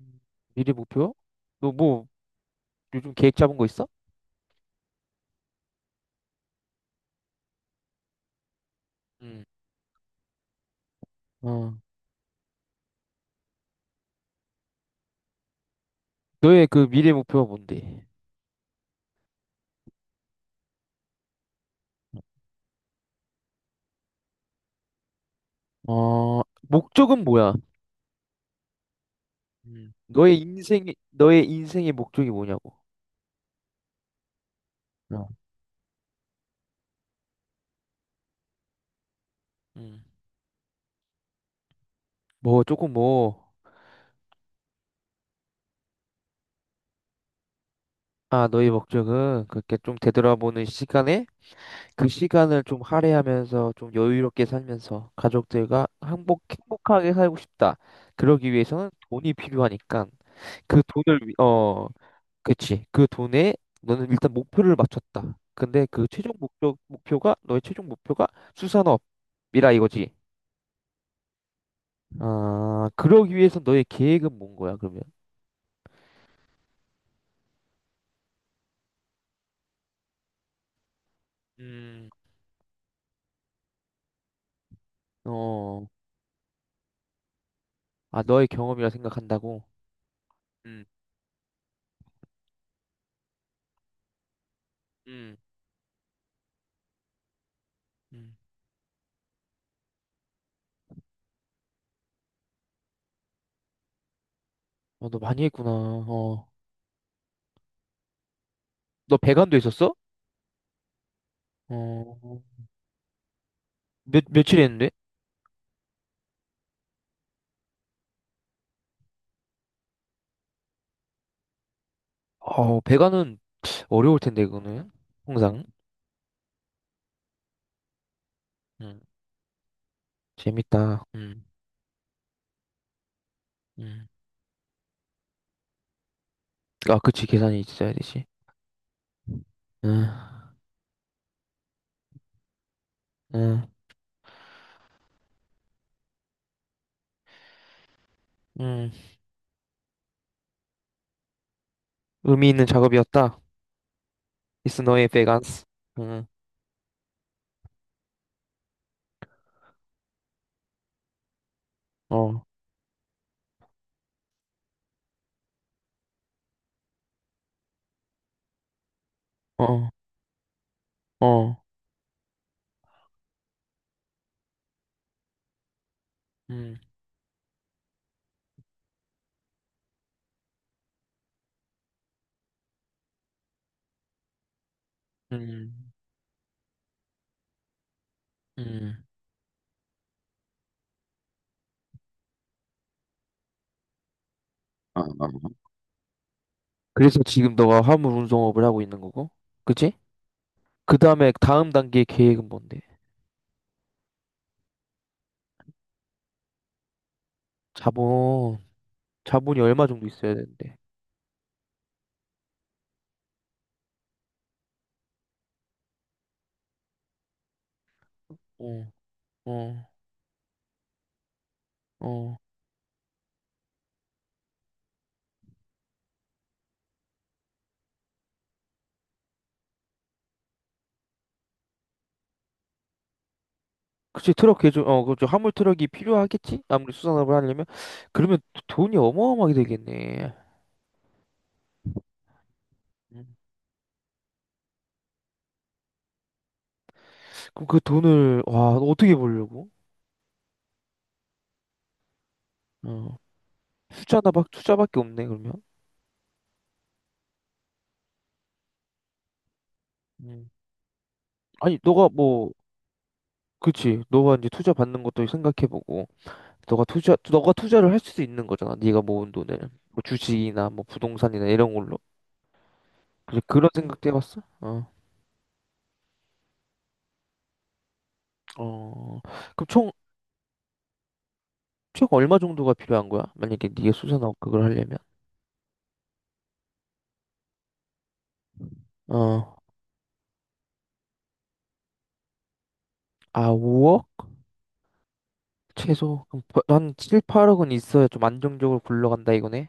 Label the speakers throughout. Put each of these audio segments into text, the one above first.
Speaker 1: 음. 미래 목표? 너 뭐 요즘 계획 잡은 거 있어? 음. 어. 너의 그 미래 목표가 뭔데? 어, 목적은 뭐야? 음. 너의 인생의 목적이 뭐냐고? 어. 음. 뭐 조금 뭐, 아, 너의 목적은 그렇게 좀 되돌아보는 시간에 그 시간을 좀 할애하면서 좀 여유롭게 살면서 가족들과 행복하게 살고 싶다. 그러기 위해서는 돈이 필요하니까 그 돈을, 위- 어, 그치. 그 돈에 너는 일단 목표를 맞췄다. 근데 너의 최종 목표가 수산업이라 이거지. 아, 그러기 위해서 너의 계획은 뭔 거야, 그러면? 음, 어, 아, 너의 경험이라 생각한다고? 음, 음, 음. 어, 너 많이 했구나. 어, 너 배관도 있었어? 어, 며칠 했는데? 어, 배관은 어려울 텐데, 그거는. 항상. 음, 재밌다. 음. 아, 그치. 계산이 있어야 되지. 응, 응, 응. 의미 있는 작업이었다. It's 너의 베간스. 응, 어, 어, 어, 음, 음, 음. 아, 아, 아. 그래서 지금 너가 화물 운송업을 하고 있는 거고, 그치? 그 다음에 다음 단계 계획은 뭔데? 자본, 자본이 얼마 정도 있어야 되는데? 어, 어, 어. 그치, 트럭 개조, 어, 그죠. 화물 트럭이 필요하겠지? 아무리 수산업을 하려면? 그러면 돈이 어마어마하게 되겠네. 음. 그럼 그 돈을, 와, 어떻게 벌려고? 어. 투자나 막, 투자밖에 없네, 그러면. 음. 아니, 너가 뭐, 그치. 너가 이제 투자 받는 것도 생각해보고, 너가 투자를 할 수도 있는 거잖아. 네가 모은 돈을. 뭐 주식이나 뭐 부동산이나 이런 걸로. 그래서 그런 생각도 해봤어? 어. 어. 그럼 총 얼마 정도가 필요한 거야? 만약에 네가 수산업 그걸 하려면. 어. 아, 5억? 최소? 그럼 버- 한 7, 8억은 있어야 좀 안정적으로 굴러간다 이거네?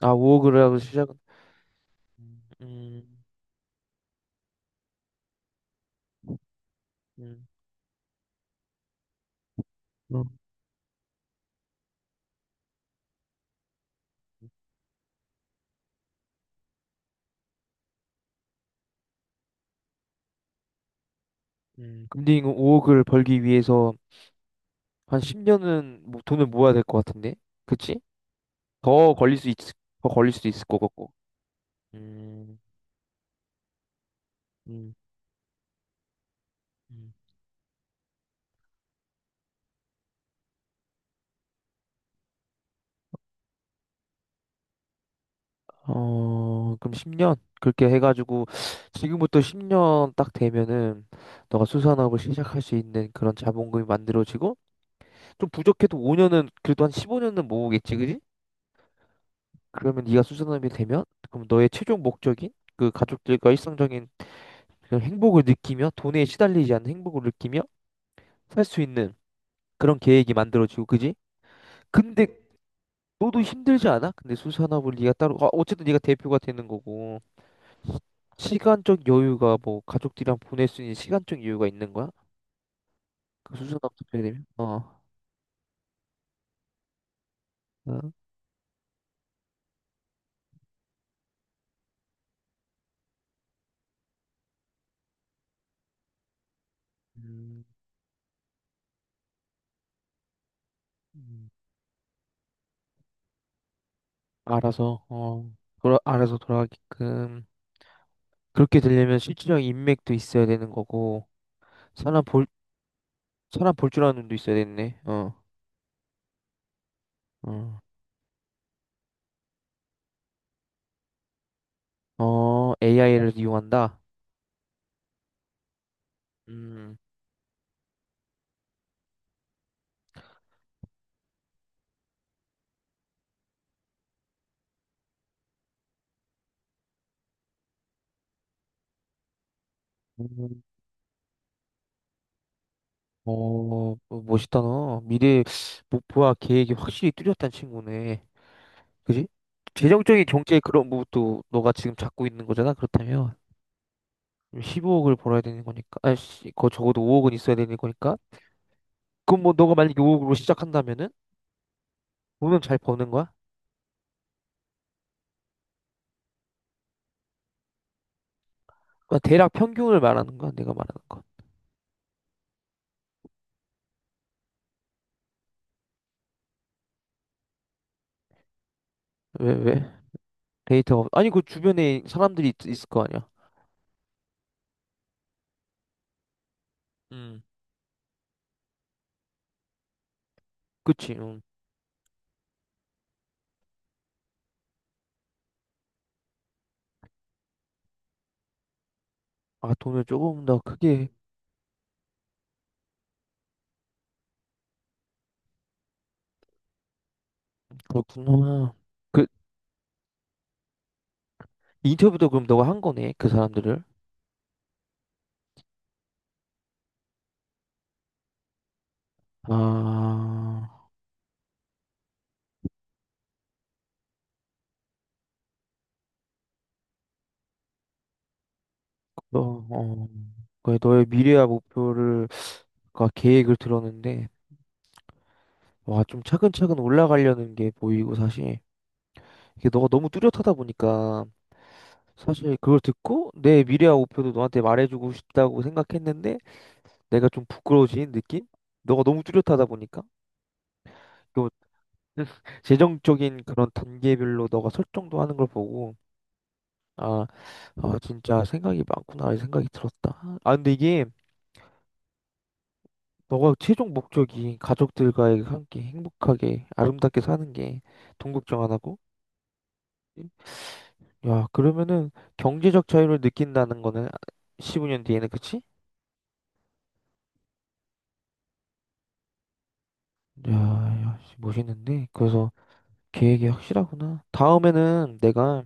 Speaker 1: 아, 5억 하고 시작은. 음, 음, 어. 음. 음. 근데 이거 5억을 벌기 위해서 한 10년은 뭐 돈을 모아야 될 것 같은데? 그치? 더 걸릴 수 있, 더 걸릴 수도 있을 것 같고. 음, 음, 음. 어, 그럼 10년? 그렇게 해가지고, 지금부터 10년 딱 되면은, 너가 수산업을 시작할 수 있는 그런 자본금이 만들어지고, 좀 부족해도 5년은, 그래도 한 15년은 모으겠지, 그지? 그러면 네가 수산업이 되면, 그럼 너의 최종 목적인, 그 가족들과 일상적인 그런 행복을 느끼며, 돈에 시달리지 않는 행복을 느끼며, 살 수 있는 그런 계획이 만들어지고, 그지? 근데 너도 힘들지 않아? 근데 수산업을 네가 따로 아, 어쨌든 네가 대표가 되는 거고 시간적 여유가 뭐 가족들이랑 보낼 수 있는 시간적 여유가 있는 거야? 그 수산업 대표가 되면 어, 어. 음, 음. 알아서 어 알아서 돌아가게끔 그렇게 되려면 실질적 인맥도 있어야 되는 거고 사람 볼 사람 볼 줄 아는 눈도 있어야 되네. 어, 어, 어 AI를 이용한다. 음. 어, 어, 멋있다, 너. 미래 목표와 계획이 확실히 뚜렷한 친구네. 그지? 재정적인 경제의 그런 부분도 너가 지금 잡고 있는 거잖아, 그렇다면. 15억을 벌어야 되는 거니까. 아씨, 그거 적어도 5억은 있어야 되는 거니까. 그럼 뭐 너가 만약에 5억으로 시작한다면은 돈은 잘 버는 거야? 그러니까 대략 평균을 말하는 거야, 내가 말하는 거. 왜, 왜? 데이터가, 아니, 그 주변에 사람들이 있을 거 아니야. 음. 그치, 아, 돈을 조금 더 크게, 그렇구나. 인터뷰도 그럼 너가 한 거네, 그 사람들을. 아, 너, 어, 그 너의 미래와 목표를, 그 계획을 들었는데, 와, 좀 차근차근 올라가려는 게 보이고, 사실. 이게 너가 너무 뚜렷하다 보니까, 사실 그걸 듣고, 내 미래와 목표도 너한테 말해주고 싶다고 생각했는데, 내가 좀 부끄러워지는 느낌? 너가 너무 뚜렷하다 보니까. 또 재정적인 그런 단계별로 너가 설정도 하는 걸 보고, 아, 아, 진짜 생각이 많구나, 이 생각이 들었다. 아, 근데 이게, 너가 최종 목적이 가족들과의 함께 행복하게 아름답게 사는 게 돈 걱정 안 하고 야 그러면은 경제적 자유를 느낀다는 거는 15년 뒤에는 그치? 야, 야 씨, 멋있는데 그래서 계획이 확실하구나. 다음에는 내가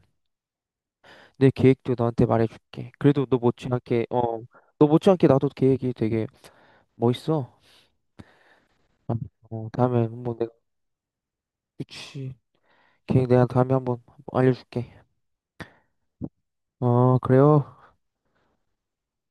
Speaker 1: 내 계획도 너한테 말해줄게. 그래도 너 못지않게 나도 계획이 되게 멋있어. 어, 어, 다음에 뭐 내가 그치 계획 내가 다음에 한번 알려줄게. 어, 그래요.